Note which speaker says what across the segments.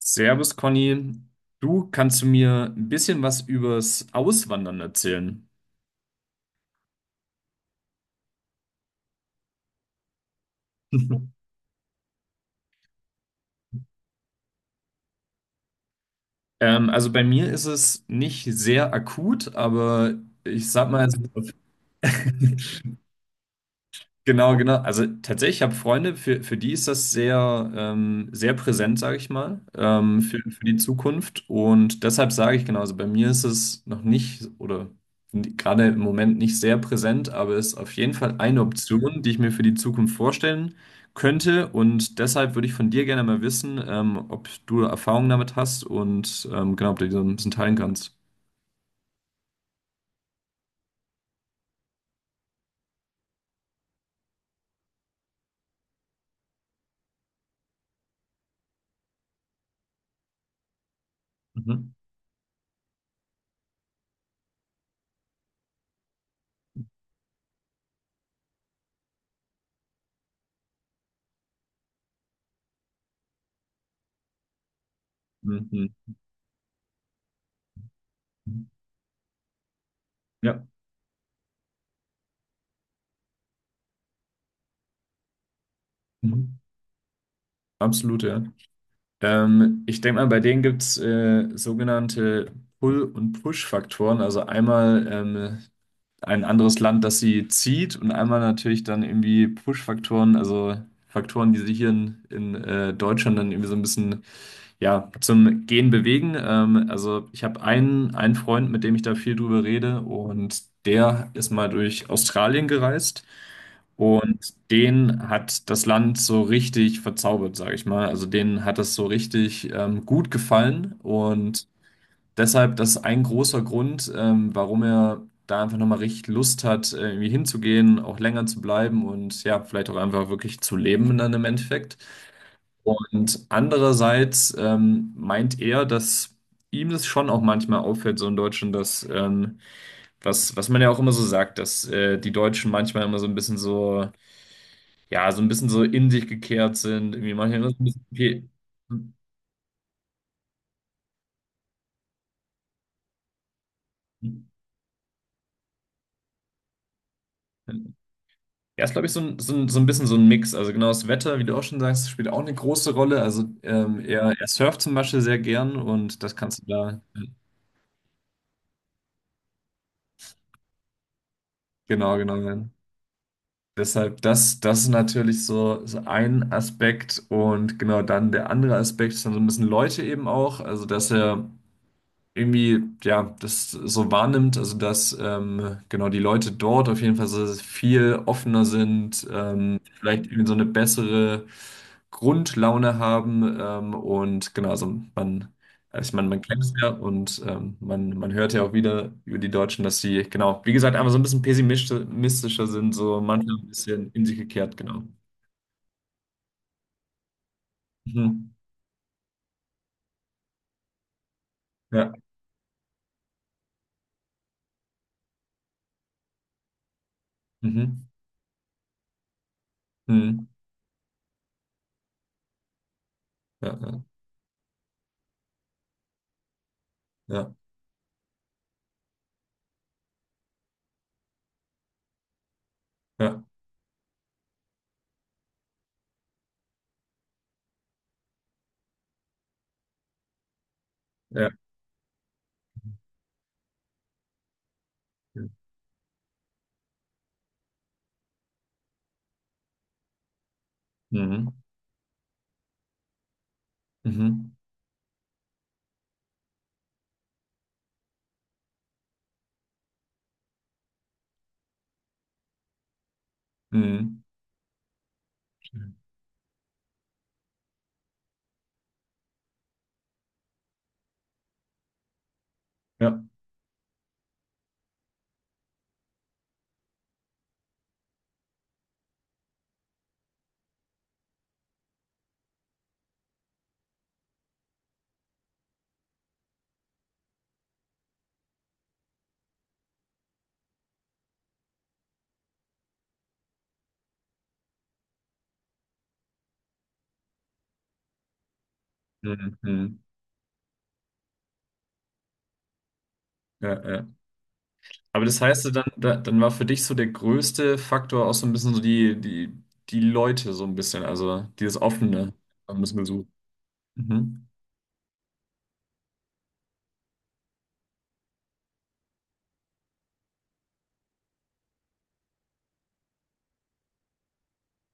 Speaker 1: Servus, Conny. Du kannst du mir ein bisschen was übers Auswandern erzählen? Also bei mir ist es nicht sehr akut, aber ich sag mal, genau, genau. Also tatsächlich, ich habe Freunde, für die ist das sehr, sehr präsent, sage ich mal, für die Zukunft. Und deshalb sage ich, genau, also bei mir ist es noch nicht oder gerade im Moment nicht sehr präsent, aber es ist auf jeden Fall eine Option, die ich mir für die Zukunft vorstellen könnte. Und deshalb würde ich von dir gerne mal wissen, ob du Erfahrungen damit hast, und genau, ob du die so ein bisschen teilen kannst. Mhm. Mhm. Ja, mhm. Absolut, ja. Ich denke mal, bei denen gibt es sogenannte Pull- und Push-Faktoren. Also einmal ein anderes Land, das sie zieht, und einmal natürlich dann irgendwie Push-Faktoren, also Faktoren, die sie hier in Deutschland dann irgendwie so ein bisschen, ja, zum Gehen bewegen. Also ich habe einen, einen Freund, mit dem ich da viel drüber rede, und der ist mal durch Australien gereist und den hat das Land so richtig verzaubert, sage ich mal. Also denen hat das so richtig gut gefallen, und deshalb, das ist ein großer Grund, warum er da einfach nochmal richtig Lust hat, irgendwie hinzugehen, auch länger zu bleiben und, ja, vielleicht auch einfach wirklich zu leben dann im Endeffekt. Und andererseits meint er, dass ihm das schon auch manchmal auffällt, so in Deutschland, dass, was, was man ja auch immer so sagt, dass die Deutschen manchmal immer so ein bisschen so, ja, so ein bisschen so in sich gekehrt sind, irgendwie manchmal immer so ein bisschen, okay. Ja, ist, glaube ich, so ein bisschen so ein Mix. Also genau, das Wetter, wie du auch schon sagst, spielt auch eine große Rolle. Also er surft zum Beispiel sehr gern und das kannst du da, genau, genau, ja. Deshalb, das ist natürlich so, so ein Aspekt, und genau, dann der andere Aspekt ist dann so ein bisschen Leute eben auch. Also, dass er irgendwie, ja, das so wahrnimmt, also dass genau, die Leute dort auf jeden Fall so viel offener sind, vielleicht irgendwie so eine bessere Grundlaune haben, und genau, also man, also ich meine, man kennt es ja, und man, man hört ja auch wieder über die Deutschen, dass sie, genau, wie gesagt, einfach so ein bisschen pessimistischer sind, so manchmal ein bisschen in sich gekehrt, genau. Mhm. Ja, mhm. Mhm. Ja, ja, ja, ja, ja, ja. Mhm. Mhm. Mhm. Ja. Mhm. Ja, ja. Aber das heißt, ja dann, dann war für dich so der größte Faktor auch so ein bisschen so die Leute, so ein bisschen, also dieses Offene ein bisschen gesucht. Mhm.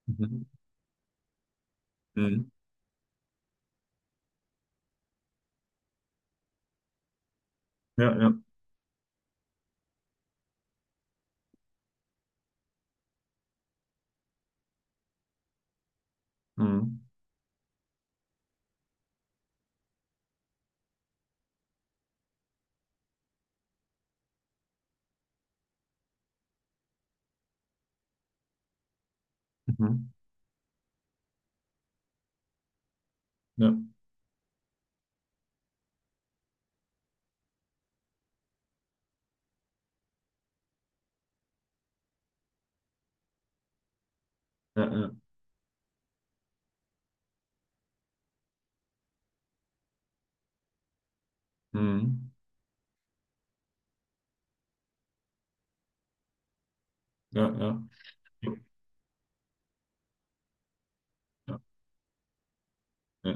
Speaker 1: Mhm. Mhm. Ja, ja. Mhm. Mhm. Ja, ja, ja. Mhm. Ja, ja. Ja, ja.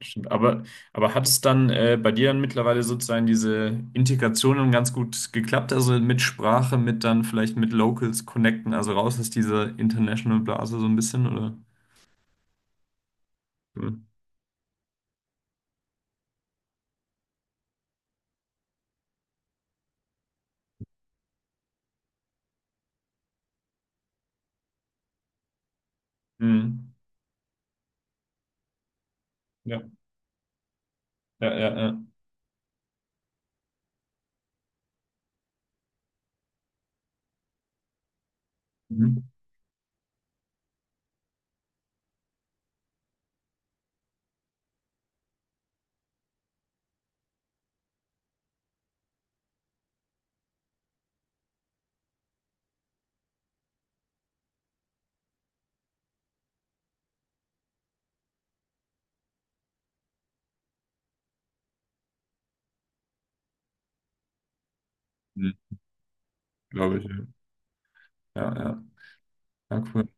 Speaker 1: Stimmt, aber hat es dann bei dir dann mittlerweile sozusagen diese Integration dann ganz gut geklappt? Also mit Sprache, mit dann vielleicht mit Locals connecten, also raus aus dieser international Blase so ein bisschen, oder? Mhm. Mhm. Ja, ja, ja, ja. Mhm. Mhm. Glaube ich, ja. Ja, ja, ja, cool.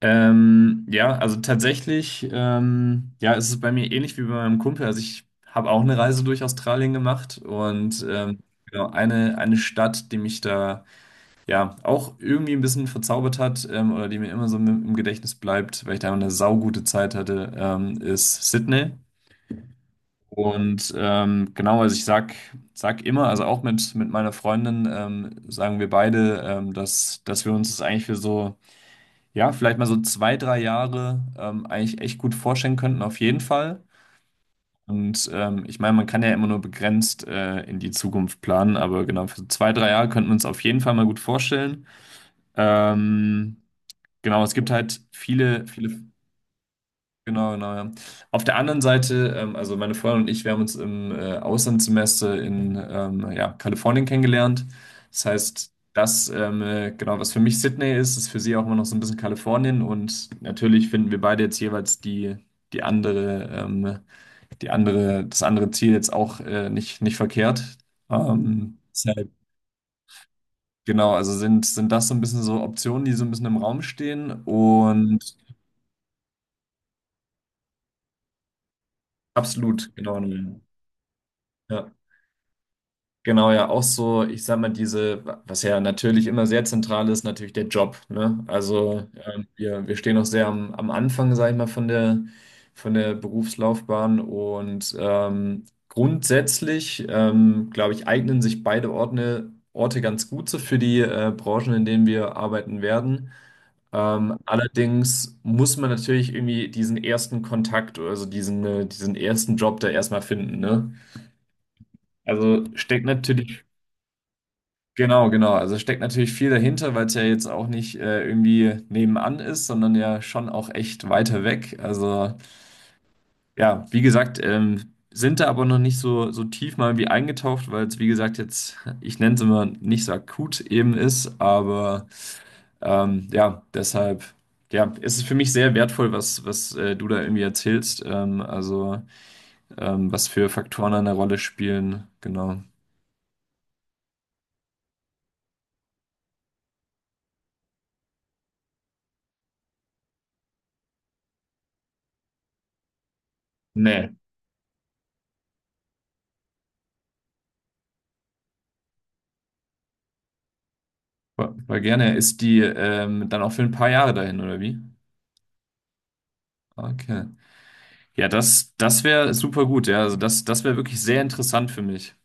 Speaker 1: Ja, also tatsächlich, ja, ist es ist bei mir ähnlich wie bei meinem Kumpel. Also ich habe auch eine Reise durch Australien gemacht, und genau, eine Stadt, die mich da, ja, auch irgendwie ein bisschen verzaubert hat, oder die mir immer so im Gedächtnis bleibt, weil ich da eine saugute Zeit hatte, ist Sydney. Und genau, also ich sag immer, also auch mit meiner Freundin, sagen wir beide, dass wir uns das eigentlich für so, ja, vielleicht mal so zwei, drei Jahre eigentlich echt gut vorstellen könnten, auf jeden Fall. Und ich meine, man kann ja immer nur begrenzt in die Zukunft planen, aber genau, für zwei, drei Jahre könnten wir uns auf jeden Fall mal gut vorstellen. Ähm, Genau, es gibt halt genau, genau, ja. Auf der anderen Seite, also meine Freundin und ich, wir haben uns im Auslandssemester in ja, Kalifornien kennengelernt. Das heißt, das, genau, was für mich Sydney ist, ist für sie auch immer noch so ein bisschen Kalifornien. Und natürlich finden wir beide jetzt jeweils die andere, ähm, die andere, das andere Ziel jetzt auch nicht verkehrt. Deshalb, genau, also sind das so ein bisschen so Optionen, die so ein bisschen im Raum stehen. Und absolut, genau, ne, ja, genau, ja, auch so, ich sag mal, diese, was ja natürlich immer sehr zentral ist, natürlich der Job, ne? Also wir stehen noch sehr am, am Anfang, sag ich mal, von der Berufslaufbahn und grundsätzlich, glaube ich, eignen sich beide Orte ganz gut so für die Branchen, in denen wir arbeiten werden. Allerdings muss man natürlich irgendwie diesen ersten Kontakt, also diesen, diesen ersten Job da erstmal finden, ne? Also steckt natürlich, genau, genau, also steckt natürlich viel dahinter, weil es ja jetzt auch nicht irgendwie nebenan ist, sondern ja schon auch echt weiter weg. Also ja, wie gesagt, sind da aber noch nicht so, so tief mal wie eingetaucht, weil es, wie gesagt, jetzt, ich nenne es immer, nicht so akut eben ist, aber ja, deshalb. Ja, es ist es für mich sehr wertvoll, was, was du da irgendwie erzählst. Also, was für Faktoren eine Rolle spielen. Genau. Nee, war, war gerne. Ist die dann auch für ein paar Jahre dahin, oder wie? Okay. Ja, das, das wäre super gut, ja. Also das, das wäre wirklich sehr interessant für mich.